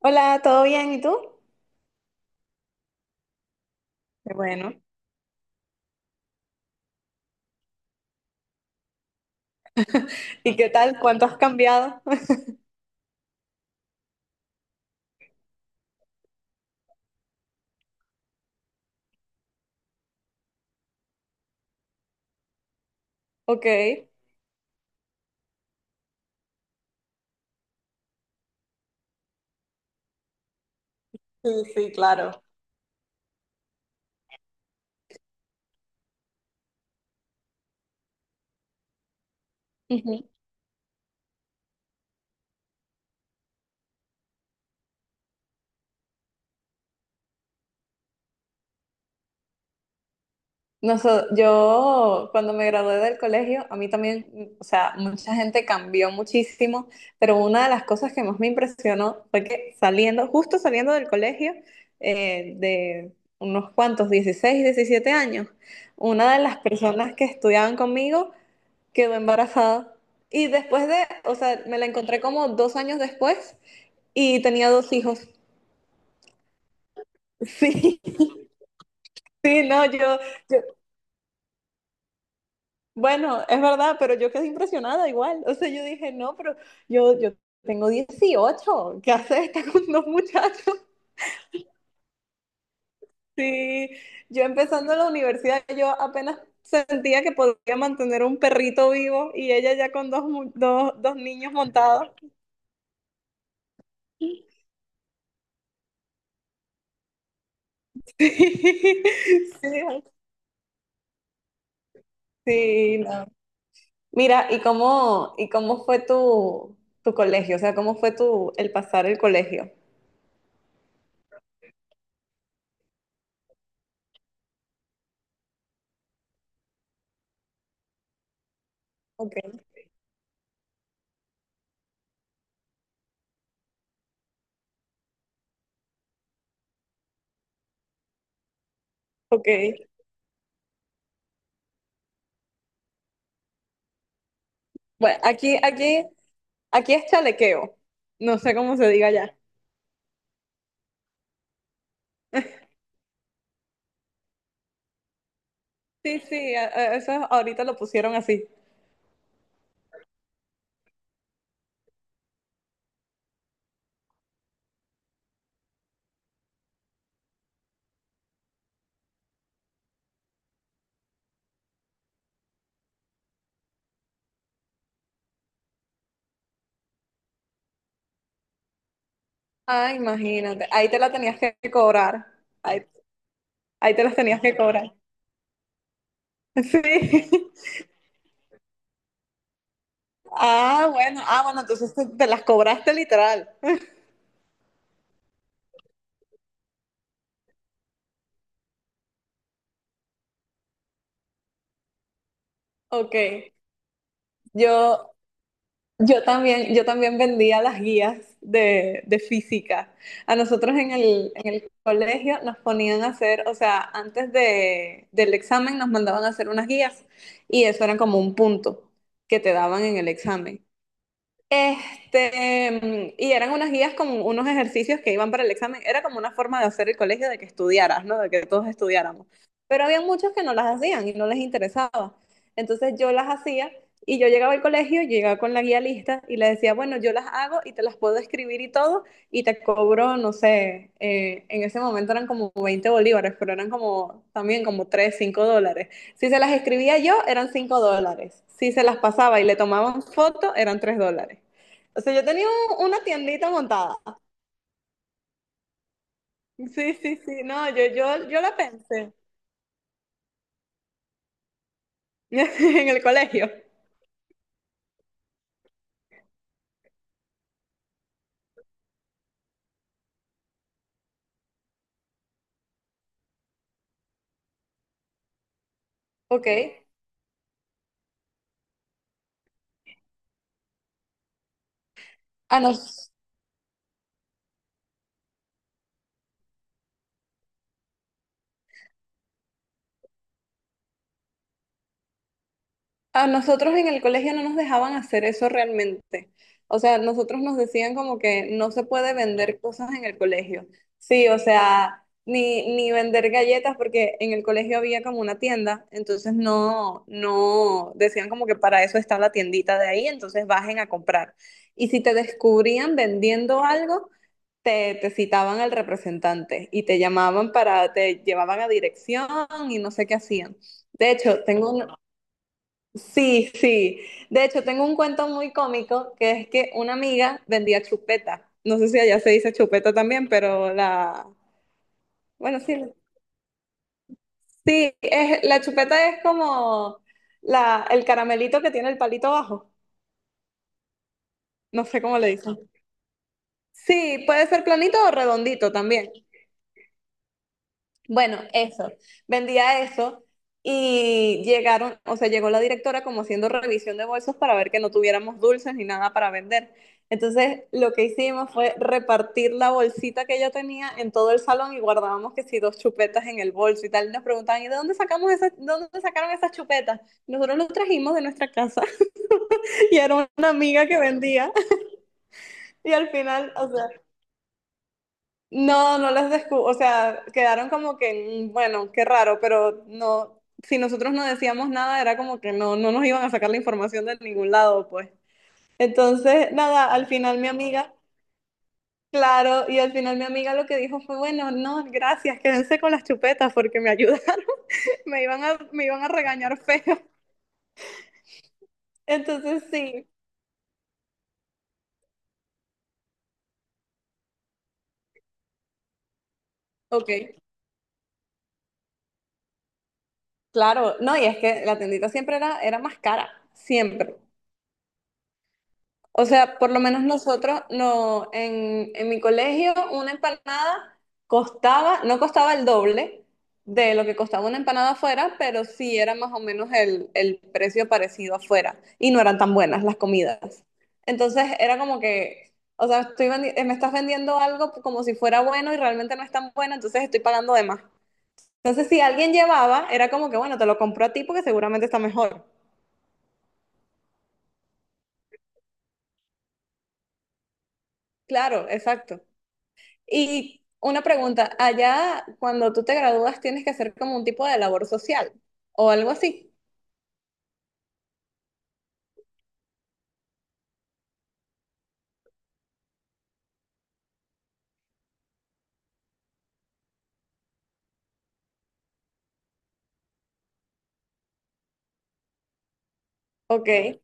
Hola, ¿todo bien? ¿Y tú? Qué bueno. ¿Y qué tal? ¿Cuánto has cambiado? Ok. Sí, sí, claro. Ujú. Yo cuando me gradué del colegio, a mí también, o sea, mucha gente cambió muchísimo, pero una de las cosas que más me impresionó fue que saliendo, justo saliendo del colegio, de unos cuantos, 16, 17 años, una de las personas que estudiaban conmigo quedó embarazada. Y después de, o sea, me la encontré como dos años después. Y tenía dos hijos. Sí, sí, no, yo, bueno, es verdad, pero yo quedé impresionada igual. O sea, yo dije, no, pero yo tengo dieciocho. ¿Qué haces esta con dos muchachos? Sí, yo empezando la universidad, yo apenas sentía que podía mantener un perrito vivo y ella ya con dos, dos niños montados. Sí, sí, no. Mira, ¿y cómo fue tu, tu colegio? O sea, ¿cómo fue tu, el pasar el colegio? Ok, ok. Bueno, aquí es chalequeo. No sé cómo se diga ya. Sí, sí, eso ahorita lo pusieron así. Ah, imagínate. Ahí te la tenías que cobrar. Ahí, ahí te las tenías que cobrar. Sí. Ah, bueno, ah, bueno, entonces te las cobraste literal. Ok. Yo, yo también, yo también vendía las guías de física. A nosotros en el colegio nos ponían a hacer, o sea, antes de, del examen nos mandaban a hacer unas guías y eso era como un punto que te daban en el examen. Este, y eran unas guías con unos ejercicios que iban para el examen. Era como una forma de hacer el colegio de que estudiaras, ¿no? De que todos estudiáramos. Pero había muchos que no las hacían y no les interesaba. Entonces yo las hacía y yo llegaba al colegio, yo llegaba con la guía lista y le decía, bueno, yo las hago y te las puedo escribir y todo y te cobro, no sé, en ese momento eran como 20 bolívares, pero eran como también como 3, 5 dólares. Si se las escribía yo, eran 5 dólares. Si se las pasaba y le tomaban foto, eran 3 dólares. O sea, una tiendita montada. Sí, sí, sí. No, yo la pensé en el colegio. Ok. Ah, no. A nosotros en el colegio no nos dejaban hacer eso realmente. O sea, nosotros nos decían como que no se puede vender cosas en el colegio. Sí, o sea, ni vender galletas porque en el colegio había como una tienda, entonces no, no, decían como que para eso está la tiendita de ahí, entonces bajen a comprar. Y si te descubrían vendiendo algo, te citaban al representante y te llamaban para, te llevaban a dirección y no sé qué hacían. De hecho, tengo, un- Sí, sí. De hecho, tengo un cuento muy cómico que es que una amiga vendía chupeta. No sé si allá se dice chupeta también, pero la... Bueno, sí, la chupeta es como la, el caramelito que tiene el palito abajo. No sé cómo le dicen. Sí, puede ser planito o redondito también. Bueno, eso, vendía eso y llegaron, o sea, llegó la directora como haciendo revisión de bolsos para ver que no tuviéramos dulces ni nada para vender. Entonces, lo que hicimos fue repartir la bolsita que yo tenía en todo el salón y guardábamos que si dos chupetas en el bolso y tal. Y nos preguntaban, ¿de dónde sacaron esas chupetas? Nosotros los trajimos de nuestra casa y era una amiga que vendía. Y al final, o sea, no, no las descubrí, o sea, quedaron como que, mm, bueno, qué raro, pero no, si nosotros no decíamos nada, era como que no nos iban a sacar la información de ningún lado, pues. Entonces, nada, al final mi amiga, claro, y al final mi amiga lo que dijo fue, bueno, no, gracias, quédense con las chupetas porque me ayudaron, me iban a regañar feo. Entonces, sí, ok, claro, no, y es que la tendita siempre era más cara, siempre. O sea, por lo menos nosotros, no, en mi colegio una empanada costaba, no costaba el doble de lo que costaba una empanada afuera, pero sí era más o menos el precio parecido afuera y no eran tan buenas las comidas. Entonces era como que, o sea, me estás vendiendo algo como si fuera bueno y realmente no es tan bueno, entonces estoy pagando de más. Entonces si alguien llevaba, era como que, bueno, te lo compro a ti porque seguramente está mejor. Claro, exacto. Y una pregunta, allá cuando tú te gradúas tienes que hacer como un tipo de labor social o algo así. Ok.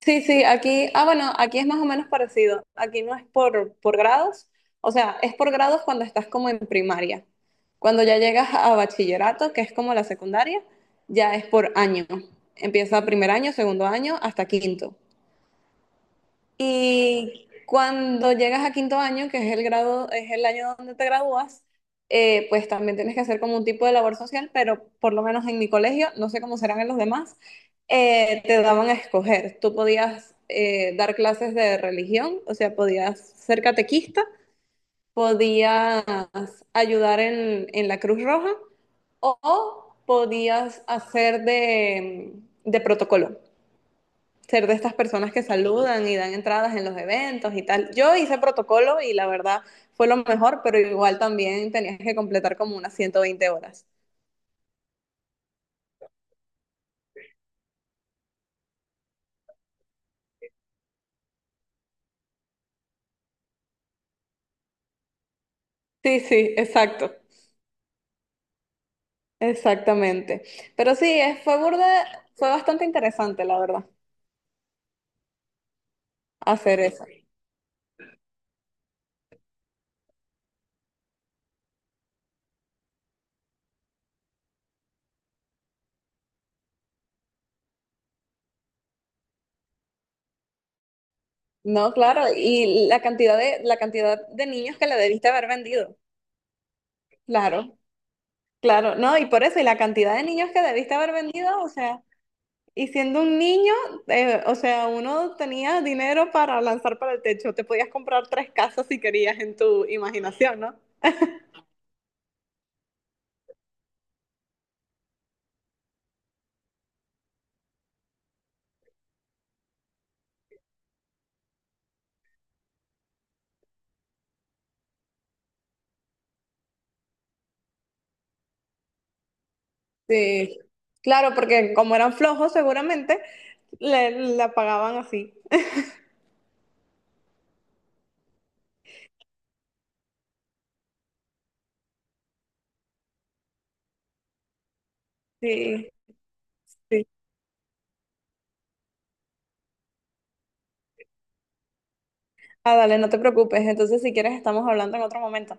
Sí, sí, aquí, ah, bueno, aquí es más o menos parecido. Aquí no es por grados, o sea, es por grados cuando estás como en primaria. Cuando ya llegas a bachillerato, que es como la secundaria, ya es por año. Empieza primer año, segundo año, hasta quinto. Y cuando llegas a quinto año, que es el grado, es el año donde te gradúas, pues también tienes que hacer como un tipo de labor social, pero por lo menos en mi colegio, no sé cómo serán en los demás, te daban a escoger. Tú podías dar clases de religión, o sea, podías ser catequista, podías ayudar en la Cruz Roja o podías hacer de protocolo, ser de estas personas que saludan y dan entradas en los eventos y tal. Yo hice protocolo y la verdad fue lo mejor, pero igual también tenías que completar como unas 120 horas. Sí, sí, exacto, exactamente. Pero sí, fue burda, fue bastante interesante, la verdad, hacer eso. No, claro, y la cantidad de niños que le debiste haber vendido. Claro, claro, no, y por eso, y la cantidad de niños que debiste haber vendido, o sea, y siendo un niño, o sea, uno tenía dinero para lanzar para el techo. Te podías comprar tres casas si querías en tu imaginación, ¿no? Sí, claro, porque como eran flojos, seguramente le, la pagaban así. Sí, sí. Ah, dale, no te preocupes. Entonces, si quieres, estamos hablando en otro momento.